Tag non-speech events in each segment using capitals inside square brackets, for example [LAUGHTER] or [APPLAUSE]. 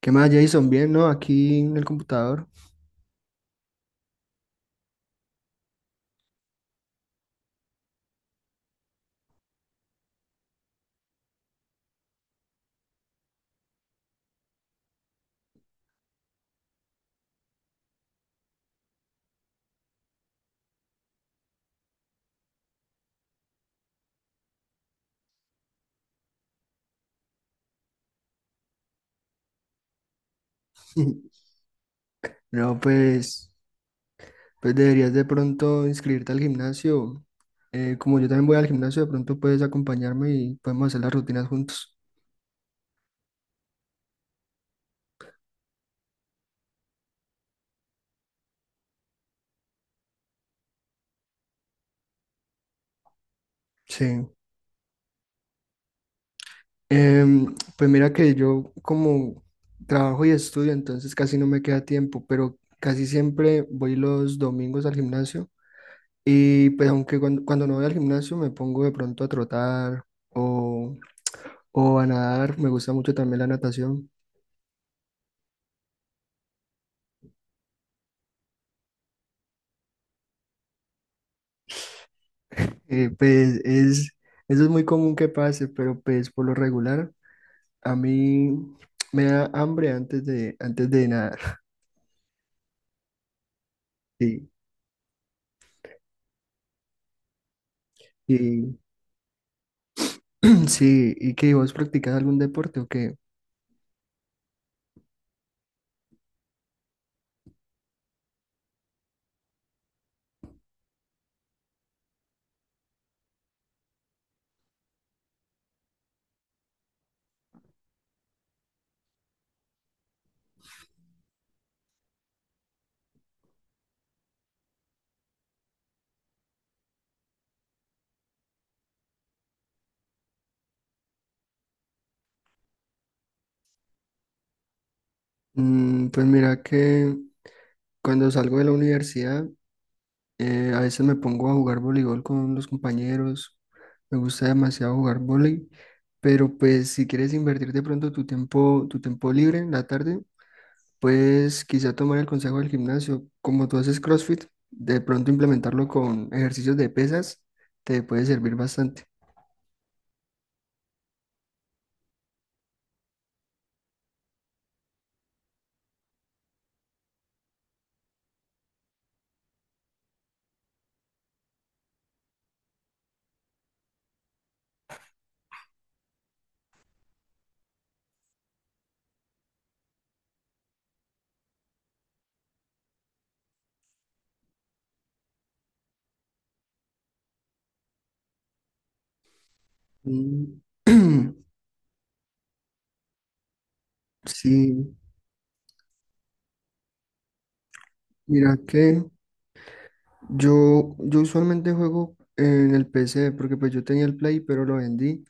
¿Qué más, Jason? Bien, ¿no? Aquí en el computador. [LAUGHS] No, pues, deberías de pronto inscribirte al gimnasio. Como yo también voy al gimnasio, de pronto puedes acompañarme y podemos hacer las rutinas juntos. Sí. Pues mira que yo como trabajo y estudio, entonces casi no me queda tiempo, pero casi siempre voy los domingos al gimnasio. Y pues aunque cuando no voy al gimnasio me pongo de pronto a trotar o a nadar, me gusta mucho también la natación. Pues eso es muy común que pase, pero pues por lo regular a mí me da hambre antes de nadar. Sí, y, [CLEARS THROAT] sí, ¿y que vos practicas algún deporte o qué? Pues mira que cuando salgo de la universidad. A veces me pongo a jugar voleibol con los compañeros. Me gusta demasiado jugar voleibol. Pero pues si quieres invertir de pronto tu tiempo libre en la tarde, pues quizá tomar el consejo del gimnasio. Como tú haces CrossFit, de pronto implementarlo con ejercicios de pesas te puede servir bastante. Mm, [CLEARS THROAT] sí, mira que yo usualmente juego en el PC porque pues yo tenía el Play pero lo vendí,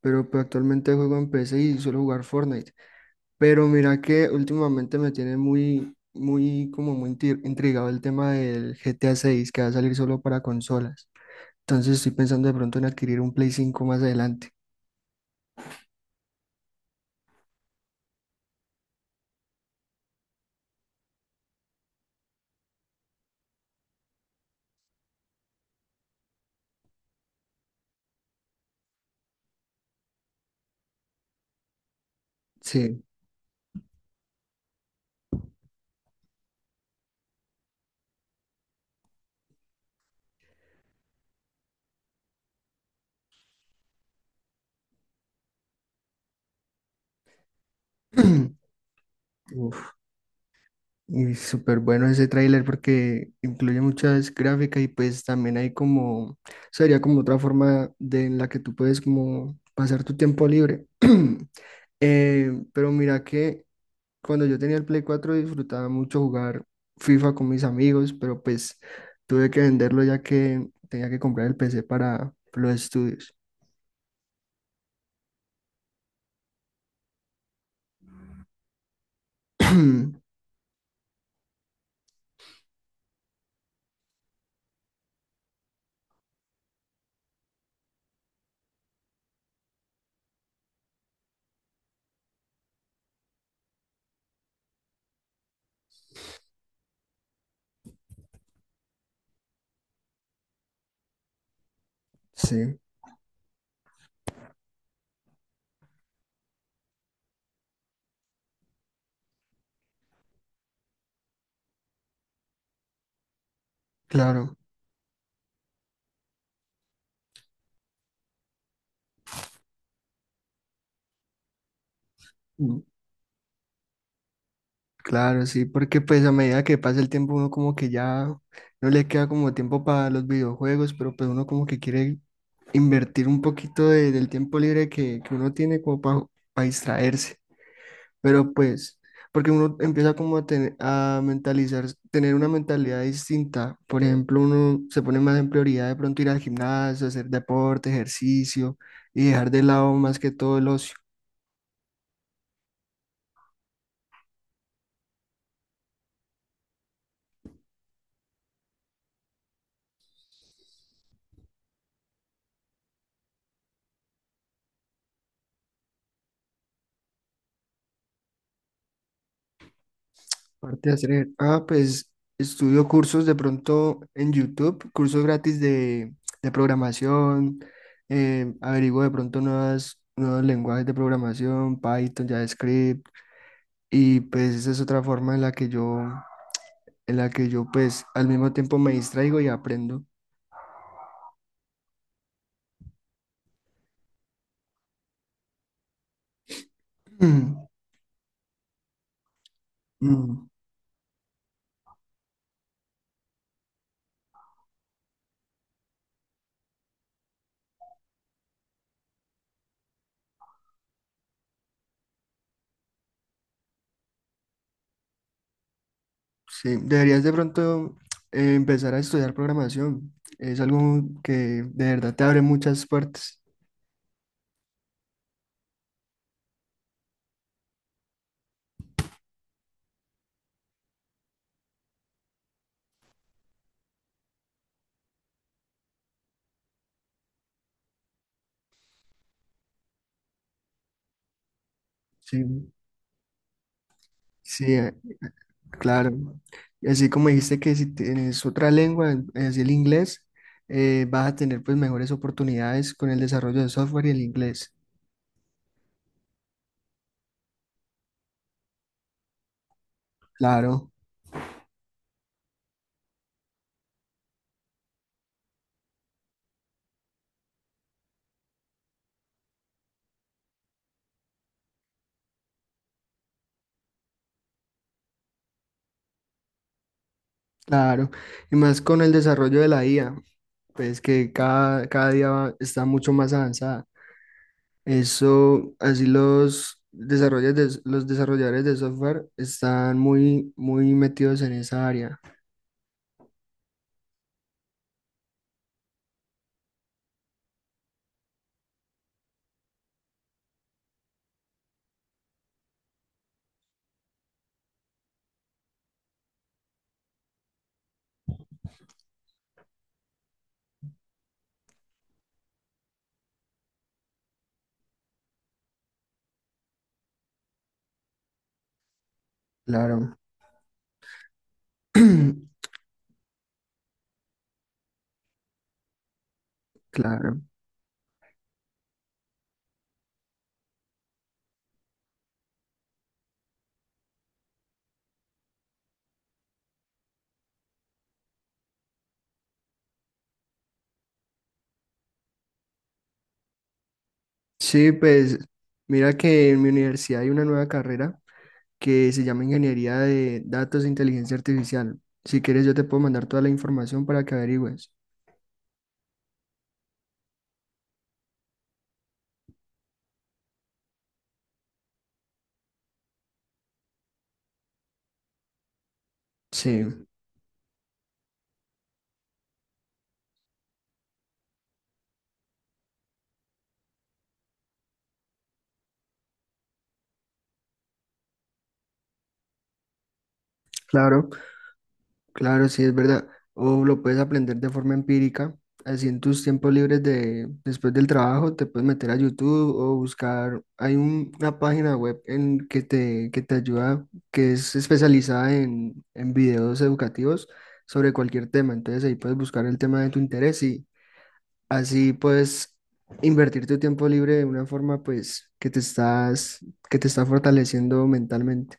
pero pues, actualmente juego en P C y suelo jugar Fortnite. Pero mira que últimamente me tiene muy, muy, como muy intrigado el tema del GTA 6 que va a salir solo para consolas. Entonces estoy pensando de pronto en adquirir un Play 5 más adelante. Sí. [CLEARS THROAT] Uf, y súper bueno ese tráiler porque incluye muchas gráficas y pues también hay como, sería como otra forma de en la que tú puedes como pasar tu tiempo libre. [CLEARS THROAT] Pero mira que cuando yo tenía el Play 4 disfrutaba mucho jugar FIFA con mis amigos, pero pues tuve que venderlo ya que tenía que comprar el PC para los estudios. [CLEARS THROAT] Sí, claro, mm, claro, sí, porque pues a medida que pasa el tiempo uno como que ya no le queda como tiempo para los videojuegos, pero pues uno como que quiere invertir un poquito del tiempo libre que uno tiene como para distraerse. Pero pues, porque uno empieza como a mentalizar, tener una mentalidad distinta. Por ejemplo, uno se pone más en prioridad de pronto ir al gimnasio, hacer deporte, ejercicio y dejar de lado más que todo el ocio. Aparte de hacer, pues estudio cursos de pronto en YouTube, cursos gratis de programación, averiguo de pronto nuevos lenguajes de programación, Python, JavaScript. Y pues esa es otra forma en la que yo pues al mismo tiempo me distraigo y aprendo. [CLEARS THROAT] Mm, mm, sí, deberías de pronto empezar a estudiar programación. Es algo que de verdad te abre muchas puertas. Sí, sí, claro. Y así como dijiste que si tienes otra lengua, es el inglés, vas a tener pues mejores oportunidades con el desarrollo de software y el inglés. Claro, claro. Y más con el desarrollo de la IA, pues que cada día está mucho más avanzada. Eso, así los desarrolladores de software están muy, muy metidos en esa área. Claro, [CLEARS THROAT] claro. Sí, pues mira que en mi universidad hay una nueva carrera que se llama Ingeniería de Datos e Inteligencia Artificial. Si quieres, yo te puedo mandar toda la información para que averigües. Sí, claro. Claro, sí, es verdad. O lo puedes aprender de forma empírica. Así en tus tiempos libres después del trabajo, te puedes meter a YouTube o buscar. Hay una página web en que que te ayuda, que es especializada en videos educativos sobre cualquier tema. Entonces ahí puedes buscar el tema de tu interés y así puedes invertir tu tiempo libre de una forma pues que te está fortaleciendo mentalmente.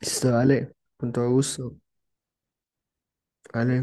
Listo, dale, con todo gusto. Vale.